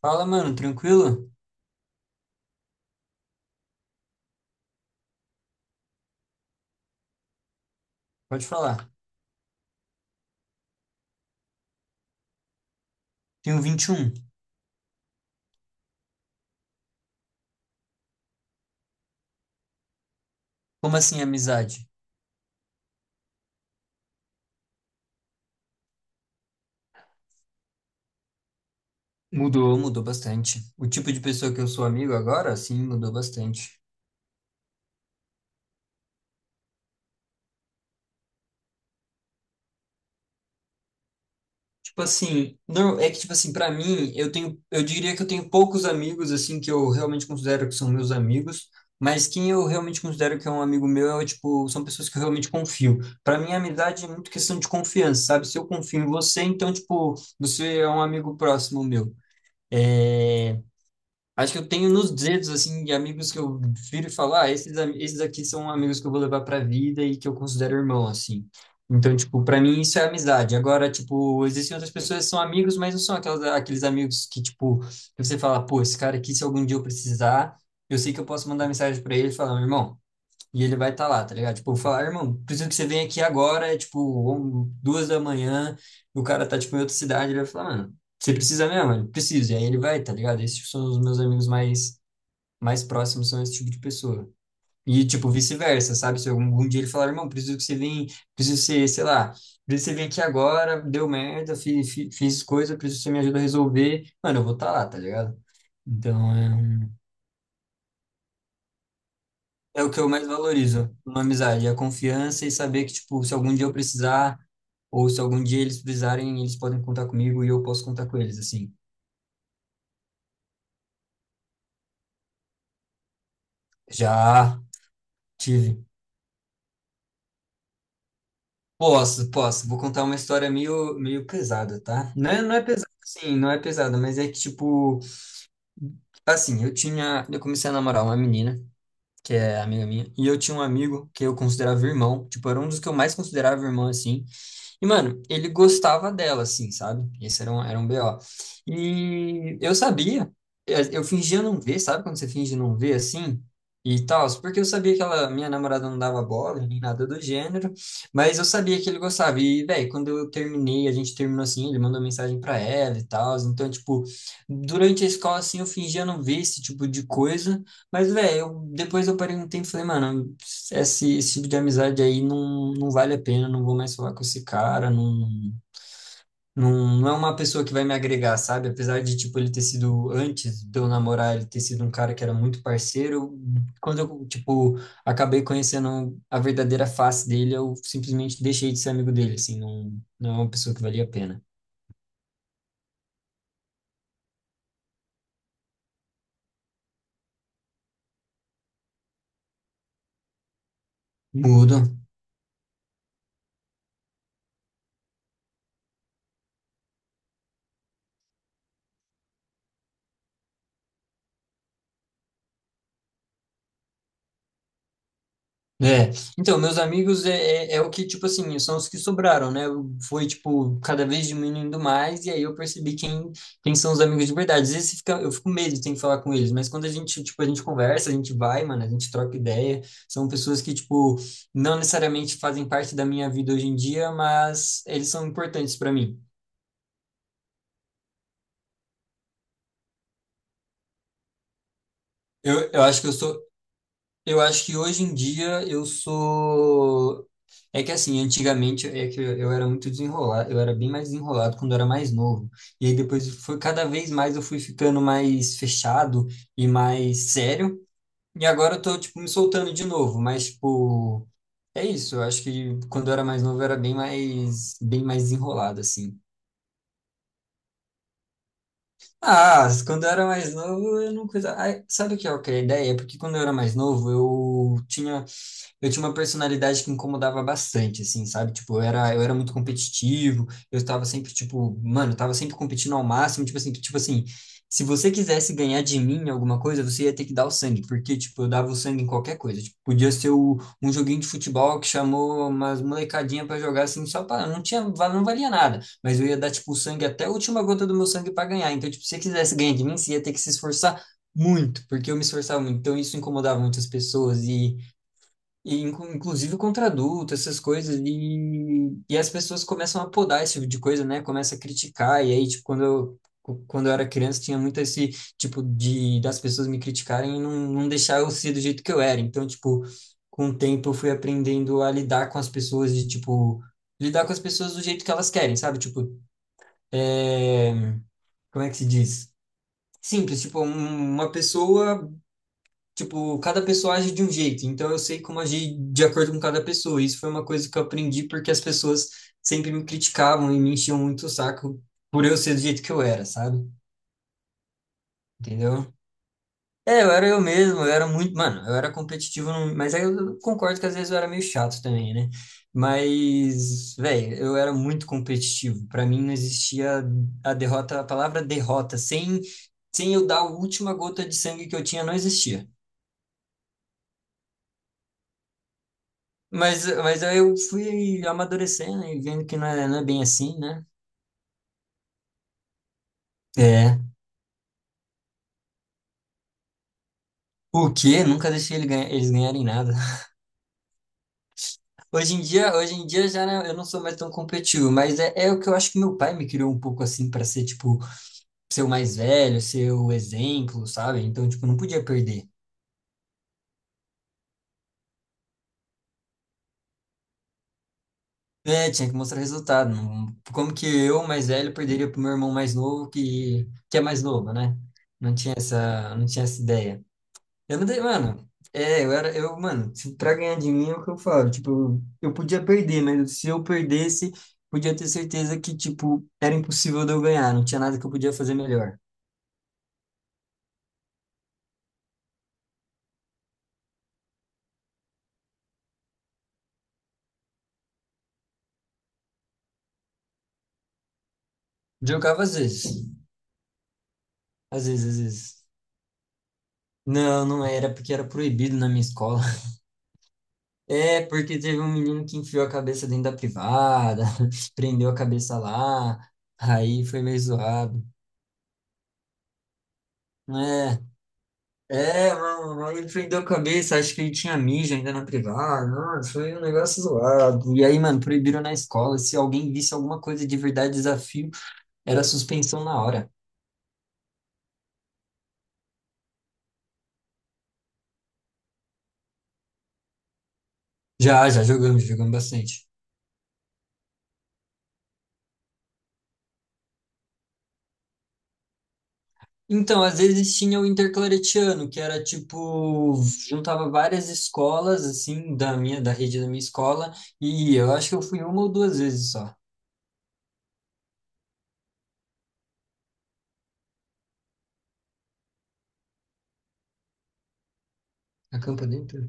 Fala, mano, tranquilo? Pode falar. Tenho 21. Como assim, amizade? Mudou, mudou bastante. O tipo de pessoa que eu sou amigo agora, sim, mudou bastante. Tipo assim, não, é que tipo assim, pra mim, eu tenho, eu diria que eu tenho poucos amigos assim que eu realmente considero que são meus amigos, mas quem eu realmente considero que é um amigo meu é tipo, são pessoas que eu realmente confio. Pra mim, amizade é muito questão de confiança, sabe? Se eu confio em você, então tipo, você é um amigo próximo meu. É. Acho que eu tenho nos dedos, assim, de amigos que eu viro e falo, ah, esses, esses aqui são amigos que eu vou levar pra vida e que eu considero irmão, assim. Então, tipo, pra mim isso é amizade. Agora, tipo, existem outras pessoas que são amigos, mas não são aquelas, aqueles amigos que, tipo, que você fala, pô, esse cara aqui, se algum dia eu precisar, eu sei que eu posso mandar mensagem pra ele e falar, irmão, e ele vai estar lá, tá ligado? Tipo, eu vou falar, "Ah, irmão, preciso que você venha aqui agora, é tipo, 2 da manhã, o cara tá, tipo, em outra cidade, ele vai falar, mano, você precisa mesmo? Ele precisa. E aí ele vai, tá ligado? Esses são os meus amigos mais, mais próximos, são esse tipo de pessoa. E, tipo, vice-versa, sabe? Se algum dia ele falar, irmão, preciso que você venha, preciso que você, sei lá, preciso que você venha aqui agora, deu merda, fiz coisa, preciso que você me ajuda a resolver, mano, eu vou estar lá, tá ligado? Então, é um. É o que eu mais valorizo numa amizade, é a confiança e saber que, tipo, se algum dia eu precisar, ou se algum dia eles precisarem, eles podem contar comigo e eu posso contar com eles, assim. Já tive. Posso, posso. Vou contar uma história meio, meio pesada, tá? Não é, não é pesada, assim, não é pesada, mas é que, tipo, assim, eu tinha, eu comecei a namorar uma menina, que é amiga minha, e eu tinha um amigo que eu considerava irmão, tipo, era um dos que eu mais considerava irmão, assim. E, mano, ele gostava dela, assim, sabe? Esse era um BO. E eu sabia, eu fingia não ver, sabe quando você finge não ver, assim? E tal, porque eu sabia que ela, minha namorada não dava bola, nem nada do gênero, mas eu sabia que ele gostava. E, velho, quando eu terminei, a gente terminou assim, ele mandou mensagem pra ela e tal. Então, tipo, durante a escola, assim, eu fingia não ver esse tipo de coisa. Mas, velho, eu, depois eu parei um tempo e falei, mano, esse tipo de amizade aí não, não vale a pena, não vou mais falar com esse cara, não, não, não é uma pessoa que vai me agregar, sabe? Apesar de, tipo, ele ter sido, antes de eu namorar, ele ter sido um cara que era muito parceiro, quando eu, tipo, acabei conhecendo a verdadeira face dele, eu simplesmente deixei de ser amigo dele, assim, não, não é uma pessoa que valia a pena. Mudo. É, então, meus amigos é, é o que, tipo assim, são os que sobraram, né? Foi, tipo, cada vez diminuindo mais, e aí eu percebi quem, quem são os amigos de verdade. Às vezes fica, eu fico com medo de ter que falar com eles, mas quando a gente, tipo, a gente conversa, a gente vai, mano, a gente troca ideia. São pessoas que, tipo, não necessariamente fazem parte da minha vida hoje em dia, mas eles são importantes pra mim. Eu acho que eu sou, eu acho que hoje em dia eu sou. É que assim, antigamente é que eu era muito desenrolado, eu era bem mais desenrolado quando eu era mais novo. E aí depois foi cada vez mais eu fui ficando mais fechado e mais sério. E agora eu tô tipo me soltando de novo, mas tipo, é isso, eu acho que quando eu era mais novo eu era bem mais desenrolado assim. Ah, quando eu era mais novo, eu não coisa. Ai, sabe o que é a ideia? É porque quando eu era mais novo, eu tinha uma personalidade que incomodava bastante, assim, sabe? Tipo, eu era muito competitivo, eu estava sempre, tipo, mano, eu tava sempre competindo ao máximo, tipo assim, se você quisesse ganhar de mim em alguma coisa, você ia ter que dar o sangue, porque, tipo, eu dava o sangue em qualquer coisa. Tipo, podia ser um joguinho de futebol que chamou umas molecadinha pra jogar, assim, só pra, não tinha, não valia nada, mas eu ia dar, tipo, o sangue até a última gota do meu sangue para ganhar. Então, tipo, se você quisesse ganhar de mim, você ia ter que se esforçar muito, porque eu me esforçava muito. Então, isso incomodava muitas pessoas, e, inclusive contra adulto, essas coisas. E as pessoas começam a podar esse tipo de coisa, né? Começa a criticar. E aí, tipo, quando eu era criança, tinha muito esse tipo de das pessoas me criticarem e não, não deixar eu ser do jeito que eu era. Então, tipo, com o tempo eu fui aprendendo a lidar com as pessoas de tipo, lidar com as pessoas do jeito que elas querem, sabe? Tipo, é, como é que se diz? Simples, tipo, uma pessoa, tipo, cada pessoa age de um jeito, então eu sei como agir de acordo com cada pessoa. Isso foi uma coisa que eu aprendi porque as pessoas sempre me criticavam e me enchiam muito o saco por eu ser do jeito que eu era, sabe? Entendeu? É, eu era eu mesmo, eu era muito, mano, eu era competitivo, mas aí eu concordo que às vezes eu era meio chato também, né? Mas, velho, eu era muito competitivo. Pra mim não existia a derrota, a palavra derrota, sem, sem eu dar a última gota de sangue que eu tinha, não existia. Mas aí eu fui amadurecendo e vendo que não é, não é bem assim, né? É. O quê? Nunca deixei eles ganharem nada. Hoje em dia já não- eu não sou mais tão competitivo, mas é, é o que eu acho que meu pai me criou um pouco assim pra ser, tipo, ser o mais velho, ser o exemplo, sabe? Então, tipo, não podia perder. É, tinha que mostrar resultado. Como que eu, mais velho, perderia pro meu irmão mais novo, que é mais novo, né? Não tinha essa, não tinha essa ideia. Eu não dei, mano. É, eu era, eu, mano, pra ganhar de mim é o que eu falo. Tipo, eu podia perder, mas se eu perdesse, podia ter certeza que, tipo, era impossível de eu ganhar. Não tinha nada que eu podia fazer melhor. Jogava às vezes. Às vezes, às vezes. Não, não era, porque era proibido na minha escola. É, porque teve um menino que enfiou a cabeça dentro da privada, prendeu a cabeça lá, aí foi meio zoado. É, é, mano, aí ele prendeu a cabeça, acho que ele tinha mijo ainda na privada, mano, foi um negócio zoado. E aí, mano, proibiram na escola, se alguém visse alguma coisa de verdade, desafio, era suspensão na hora. Já, já jogamos, jogamos bastante. Então, às vezes tinha o interclaretiano, que era tipo, juntava várias escolas, assim, da minha, da rede da minha escola, e eu acho que eu fui uma ou duas vezes só. Acampa dentro?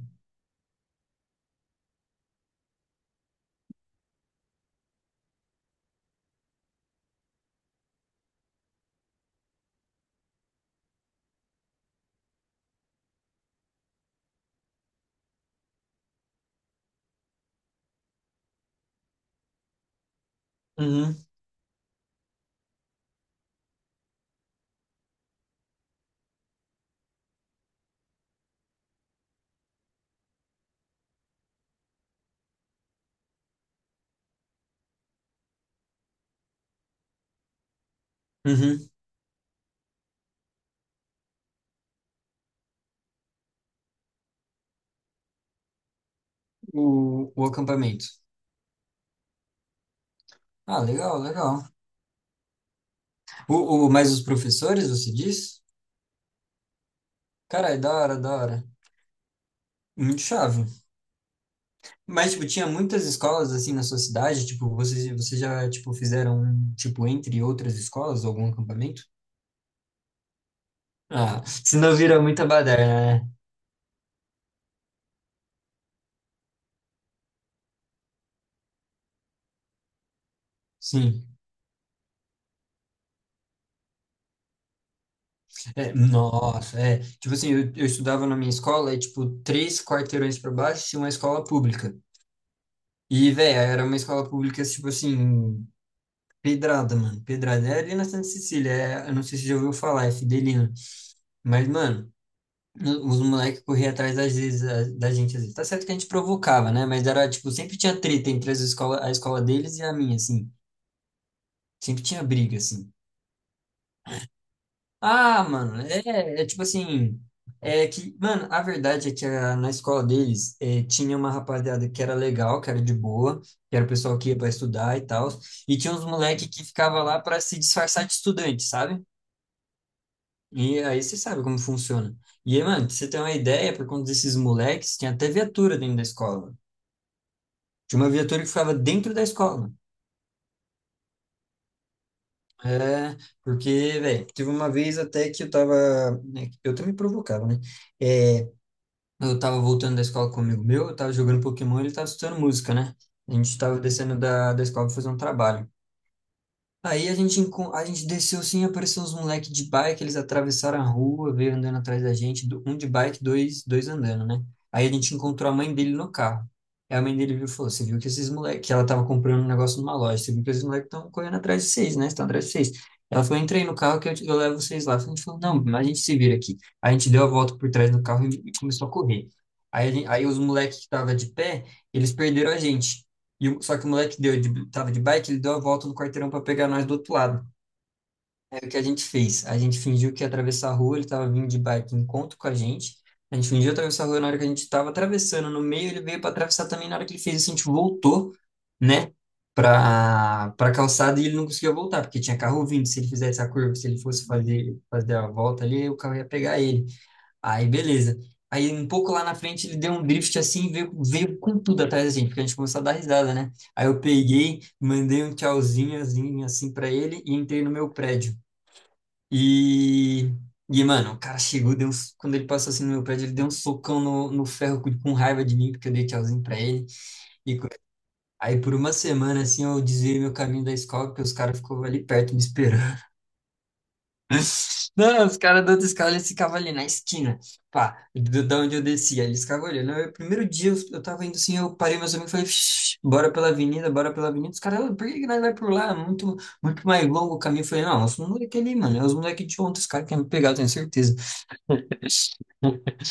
Uhum, uhum, o acampamento. Ah, legal, legal. O, mas os professores, você diz? Cara, é da hora, da hora. Muito chave. Mas, tipo, tinha muitas escolas, assim, na sua cidade, tipo, vocês, vocês já, tipo, fizeram, tipo, entre outras escolas, algum acampamento? Ah, se não vira muita baderna, né? Sim. É, nossa, é. Tipo assim, eu estudava na minha escola, é tipo 3 quarteirões pra baixo tinha uma escola pública. E, velho, era uma escola pública, tipo assim, pedrada, mano. Pedrada. É ali na Santa Cecília, é, eu não sei se você já ouviu falar, é Fidelina. Mas, mano, os moleques corriam atrás às vezes, da gente, às vezes. Tá certo que a gente provocava, né? Mas era, tipo, sempre tinha treta entre as escola, a escola deles e a minha, assim. Sempre tinha briga, assim. Ah, mano, é, é tipo assim, é que, mano, a verdade é que na escola deles é, tinha uma rapaziada que era legal, que era de boa, que era o pessoal que ia pra estudar e tal, e tinha uns moleque que ficava lá pra se disfarçar de estudante, sabe? E aí você sabe como funciona. E aí, mano, pra você ter uma ideia, por conta desses moleques, tinha até viatura dentro da escola. Tinha uma viatura que ficava dentro da escola. É, porque, velho, teve uma vez até que eu tava, né, eu também provocava, né? É, eu tava voltando da escola com um amigo meu, eu tava jogando Pokémon e ele tava escutando música, né? A gente tava descendo da, da escola pra fazer um trabalho. Aí a gente, a gente desceu sim, apareceu uns moleques de bike, eles atravessaram a rua, veio andando atrás da gente, um de bike, dois, dois andando, né? Aí a gente encontrou a mãe dele no carro. Aí a mãe dele viu e falou: Você viu que esses moleques, que ela tava comprando um negócio numa loja, você viu que esses moleques estão correndo atrás de vocês, né? Estão atrás de vocês. Ela falou: Entrei no carro que eu, eu levo vocês lá. A gente falou: Não, mas a gente se vira aqui. A gente deu a volta por trás do carro e começou a correr. Aí, aí os moleques que estavam de pé, eles perderam a gente. E, só que o moleque deu, de, tava de bike, ele deu a volta no quarteirão para pegar nós do outro lado. Aí o que a gente fez? A gente fingiu que ia atravessar a rua, ele tava vindo de bike em encontro com a gente. A gente fingiu atravessar a rua na hora que a gente tava atravessando. No meio ele veio para atravessar também. Na hora que ele fez isso, a gente voltou, né, para calçada e ele não conseguia voltar, porque tinha carro vindo. Se ele fizesse a curva, se ele fosse fazer a volta ali, o carro ia pegar ele. Aí, beleza. Aí, um pouco lá na frente, ele deu um drift assim e veio, veio com tudo atrás da gente, porque a gente começou a dar risada, né? Aí eu peguei, mandei um tchauzinho assim, assim para ele e entrei no meu prédio. E, e mano, o cara chegou, deu uns, quando ele passou assim no meu prédio, ele deu um socão no, no ferro com raiva de mim, porque eu dei tchauzinho pra ele. E co- aí, por uma semana, assim, eu desviei meu caminho da escola, porque os caras ficou ali perto me esperando. Não, os caras da outra escola, eles ficavam ali na esquina, pá, da onde eu descia, eles ficavam olhando. Aí, o primeiro dia eu tava indo assim, eu parei meus amigos e falei, "Shh, bora pela avenida, bora pela avenida. Os caras, "Ah, por que que nós vai por lá? É muito, muito mais longo o caminho. Eu falei, não, os moleques ali, mano, é os moleques de ontem, os caras querem me pegar, eu tenho certeza.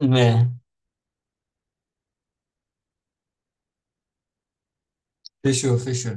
É, fechou, fechou.